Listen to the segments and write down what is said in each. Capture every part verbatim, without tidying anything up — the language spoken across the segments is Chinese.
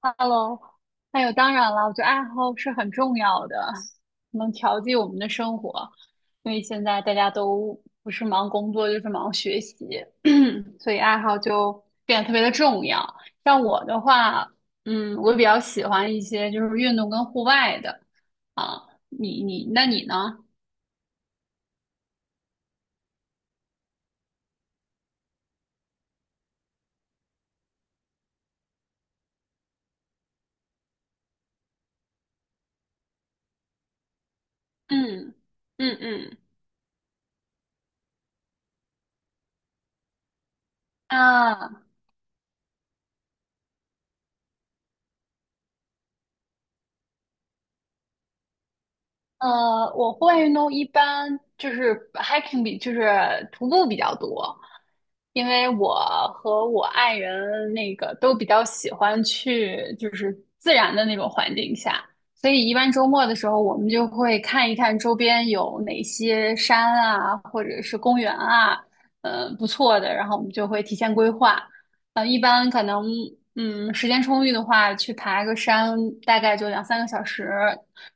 Hello，还有当然了，我觉得爱好是很重要的，能调剂我们的生活。因为现在大家都不是忙工作就是忙学习，所以爱好就变得特别的重要。像我的话，嗯，我比较喜欢一些就是运动跟户外的啊。你你那你呢？嗯嗯嗯啊，呃，我户外运动一般就是 hiking 比就是徒步比较多，因为我和我爱人那个都比较喜欢去就是自然的那种环境下，所以一般周末的时候我们就会看一看周边有哪些山啊，或者是公园啊，呃，不错的，然后我们就会提前规划。呃，一般可能嗯时间充裕的话，去爬个山大概就两三个小时。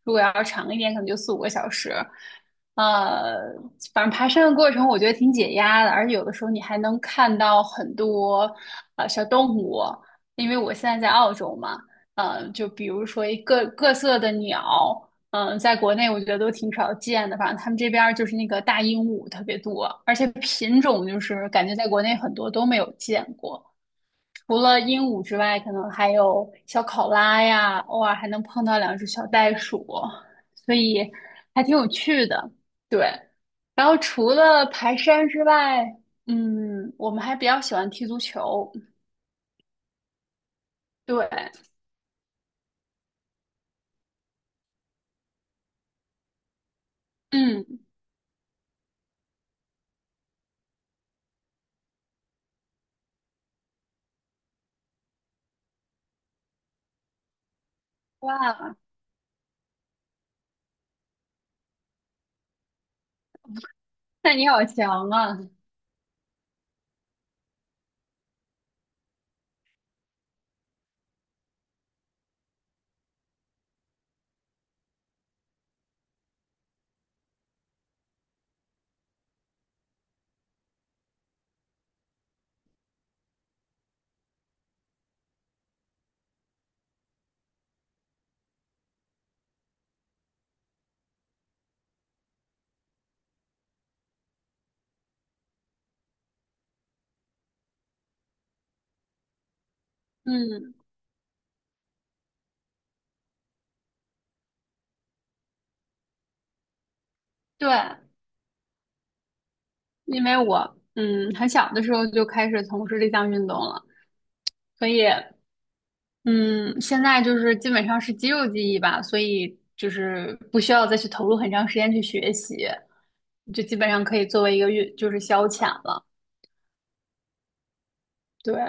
如果要长一点，可能就四五个小时。呃，反正爬山的过程我觉得挺解压的，而且有的时候你还能看到很多呃小动物，因为我现在在澳洲嘛，呃，就比如说一各各色的鸟，嗯、在国内我觉得都挺少见的，反正他们这边儿就是那个大鹦鹉特别多，而且品种就是感觉在国内很多都没有见过。除了鹦鹉之外，可能还有小考拉呀，偶尔还能碰到两只小袋鼠，所以还挺有趣的。对，然后除了爬山之外，嗯，我们还比较喜欢踢足球。对，嗯，哇，那你好强啊！嗯，对，因为我嗯很小的时候就开始从事这项运动了，所以。嗯，现在就是基本上是肌肉记忆吧，所以就是不需要再去投入很长时间去学习，就基本上可以作为一个运，就是消遣了。对，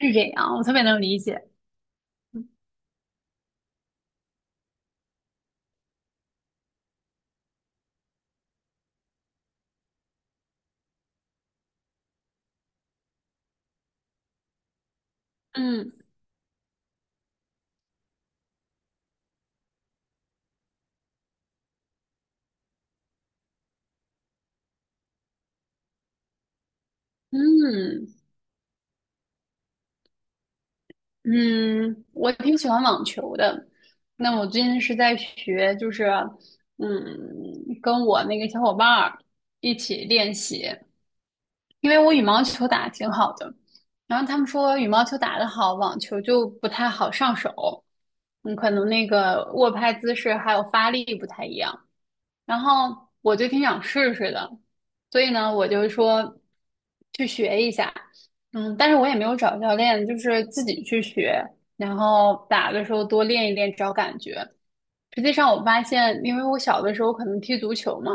是这样，我特别能理解。嗯嗯嗯，我挺喜欢网球的。那我最近是在学，就是嗯，跟我那个小伙伴儿一起练习。因为我羽毛球打得挺好的，然后他们说羽毛球打得好，网球就不太好上手，嗯，可能那个握拍姿势还有发力不太一样。然后我就挺想试试的，所以呢，我就说去学一下，嗯，但是我也没有找教练，就是自己去学，然后打的时候多练一练，找感觉。实际上，我发现，因为我小的时候可能踢足球嘛，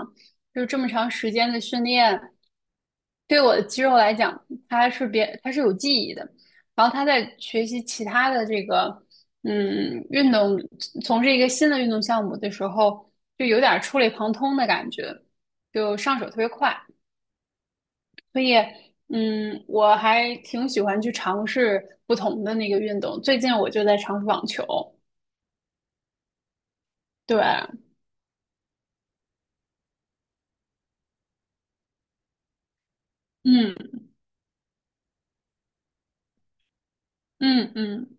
就这么长时间的训练，对我的肌肉来讲，它是别，它是有记忆的。然后他在学习其他的这个，嗯，运动，从事一个新的运动项目的时候，就有点儿触类旁通的感觉，就上手特别快。所以，嗯，我还挺喜欢去尝试不同的那个运动。最近我就在尝试网球，对，嗯嗯嗯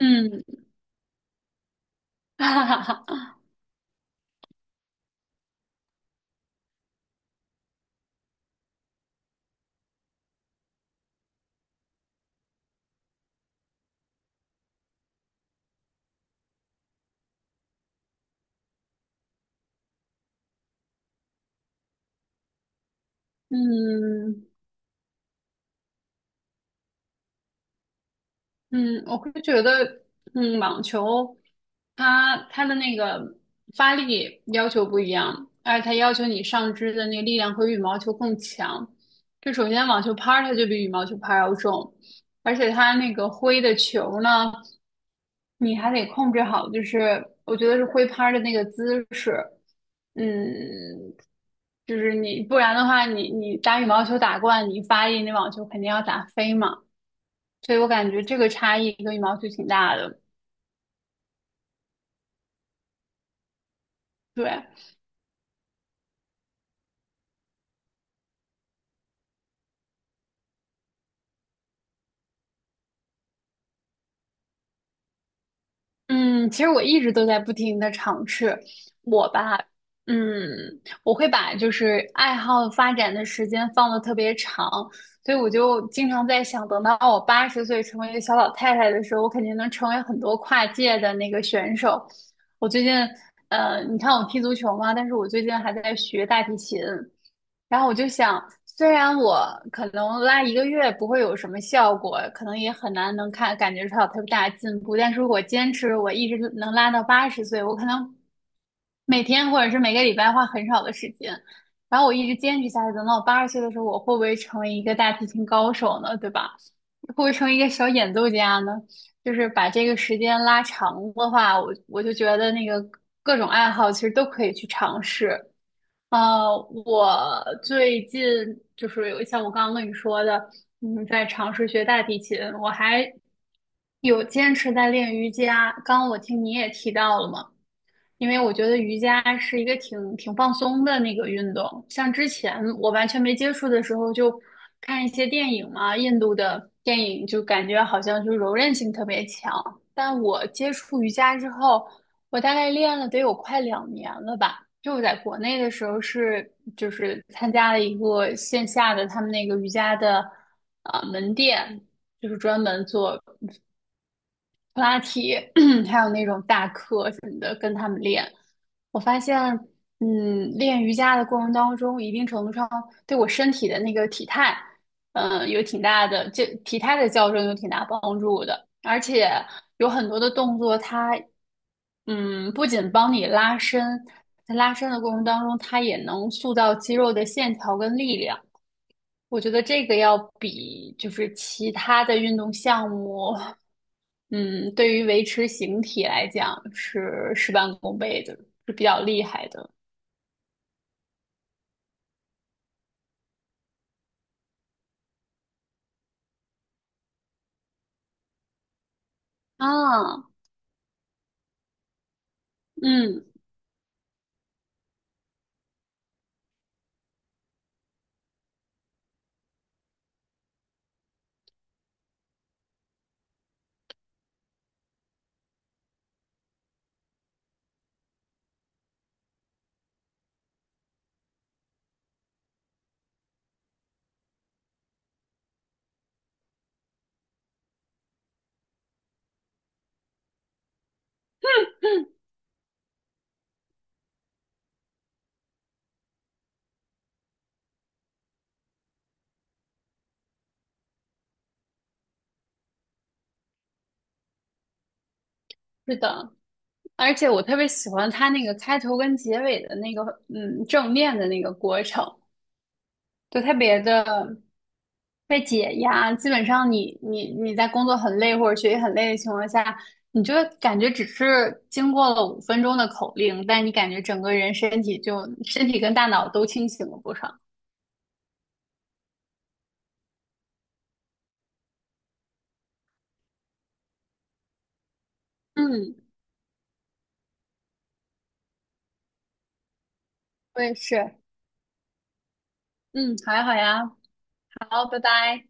嗯。哈哈哈，嗯，嗯，我会觉得，嗯，网球它它的那个发力要求不一样，而且它要求你上肢的那个力量和羽毛球更强。就首先网球拍儿它就比羽毛球拍儿要重，而且它那个挥的球呢，你还得控制好，就是我觉得是挥拍儿的那个姿势，嗯，就是你不然的话你你打羽毛球打惯，你发力那网球肯定要打飞嘛。所以我感觉这个差异跟羽毛球挺大的。对，嗯，其实我一直都在不停的尝试。我吧，嗯，我会把就是爱好发展的时间放的特别长，所以我就经常在想，等到我八十岁成为一个小老太太的时候，我肯定能成为很多跨界的那个选手。我最近，呃，你看我踢足球嘛，但是我最近还在学大提琴。然后我就想，虽然我可能拉一个月不会有什么效果，可能也很难能看感觉出来有特别大的进步，但是如果坚持，我一直能拉到八十岁，我可能每天或者是每个礼拜花很少的时间，然后我一直坚持下去，等到我八十岁的时候，我会不会成为一个大提琴高手呢？对吧？会不会成为一个小演奏家呢？就是把这个时间拉长的话，我我就觉得那个各种爱好其实都可以去尝试。呃，我最近就是有像我刚刚跟你说的，嗯，在尝试学大提琴，我还有坚持在练瑜伽。刚刚我听你也提到了嘛，因为我觉得瑜伽是一个挺挺放松的那个运动，像之前我完全没接触的时候，就看一些电影嘛，印度的电影就感觉好像就柔韧性特别强。但我接触瑜伽之后，我大概练了得有快两年了吧。就我在国内的时候是就是参加了一个线下的他们那个瑜伽的啊、呃门店，就是专门做普拉提，还有那种大课，我发现，嗯，练瑜伽的过程当中，一定程度上对我身体的那个体态，嗯、有挺大的，这体态的矫正有挺大帮助的。而且有很多的动作，它，嗯，不仅帮你拉伸，在拉伸的过程当中，它也能塑造肌肉的线条跟力量。我觉得这个要比就是其他的运动项目，嗯，对于维持形体来讲是事半功倍的，是比较厉害的。啊，嗯，是的，而且我特别喜欢它那个开头跟结尾的那个，嗯，正面的那个过程，就特别的被解压。基本上你你你在工作很累或者学习很累的情况下，你就感觉只是经过了五分钟的口令，但你感觉整个人身体就身体跟大脑都清醒了不少。嗯，我也是。嗯，好呀好呀，好，拜拜。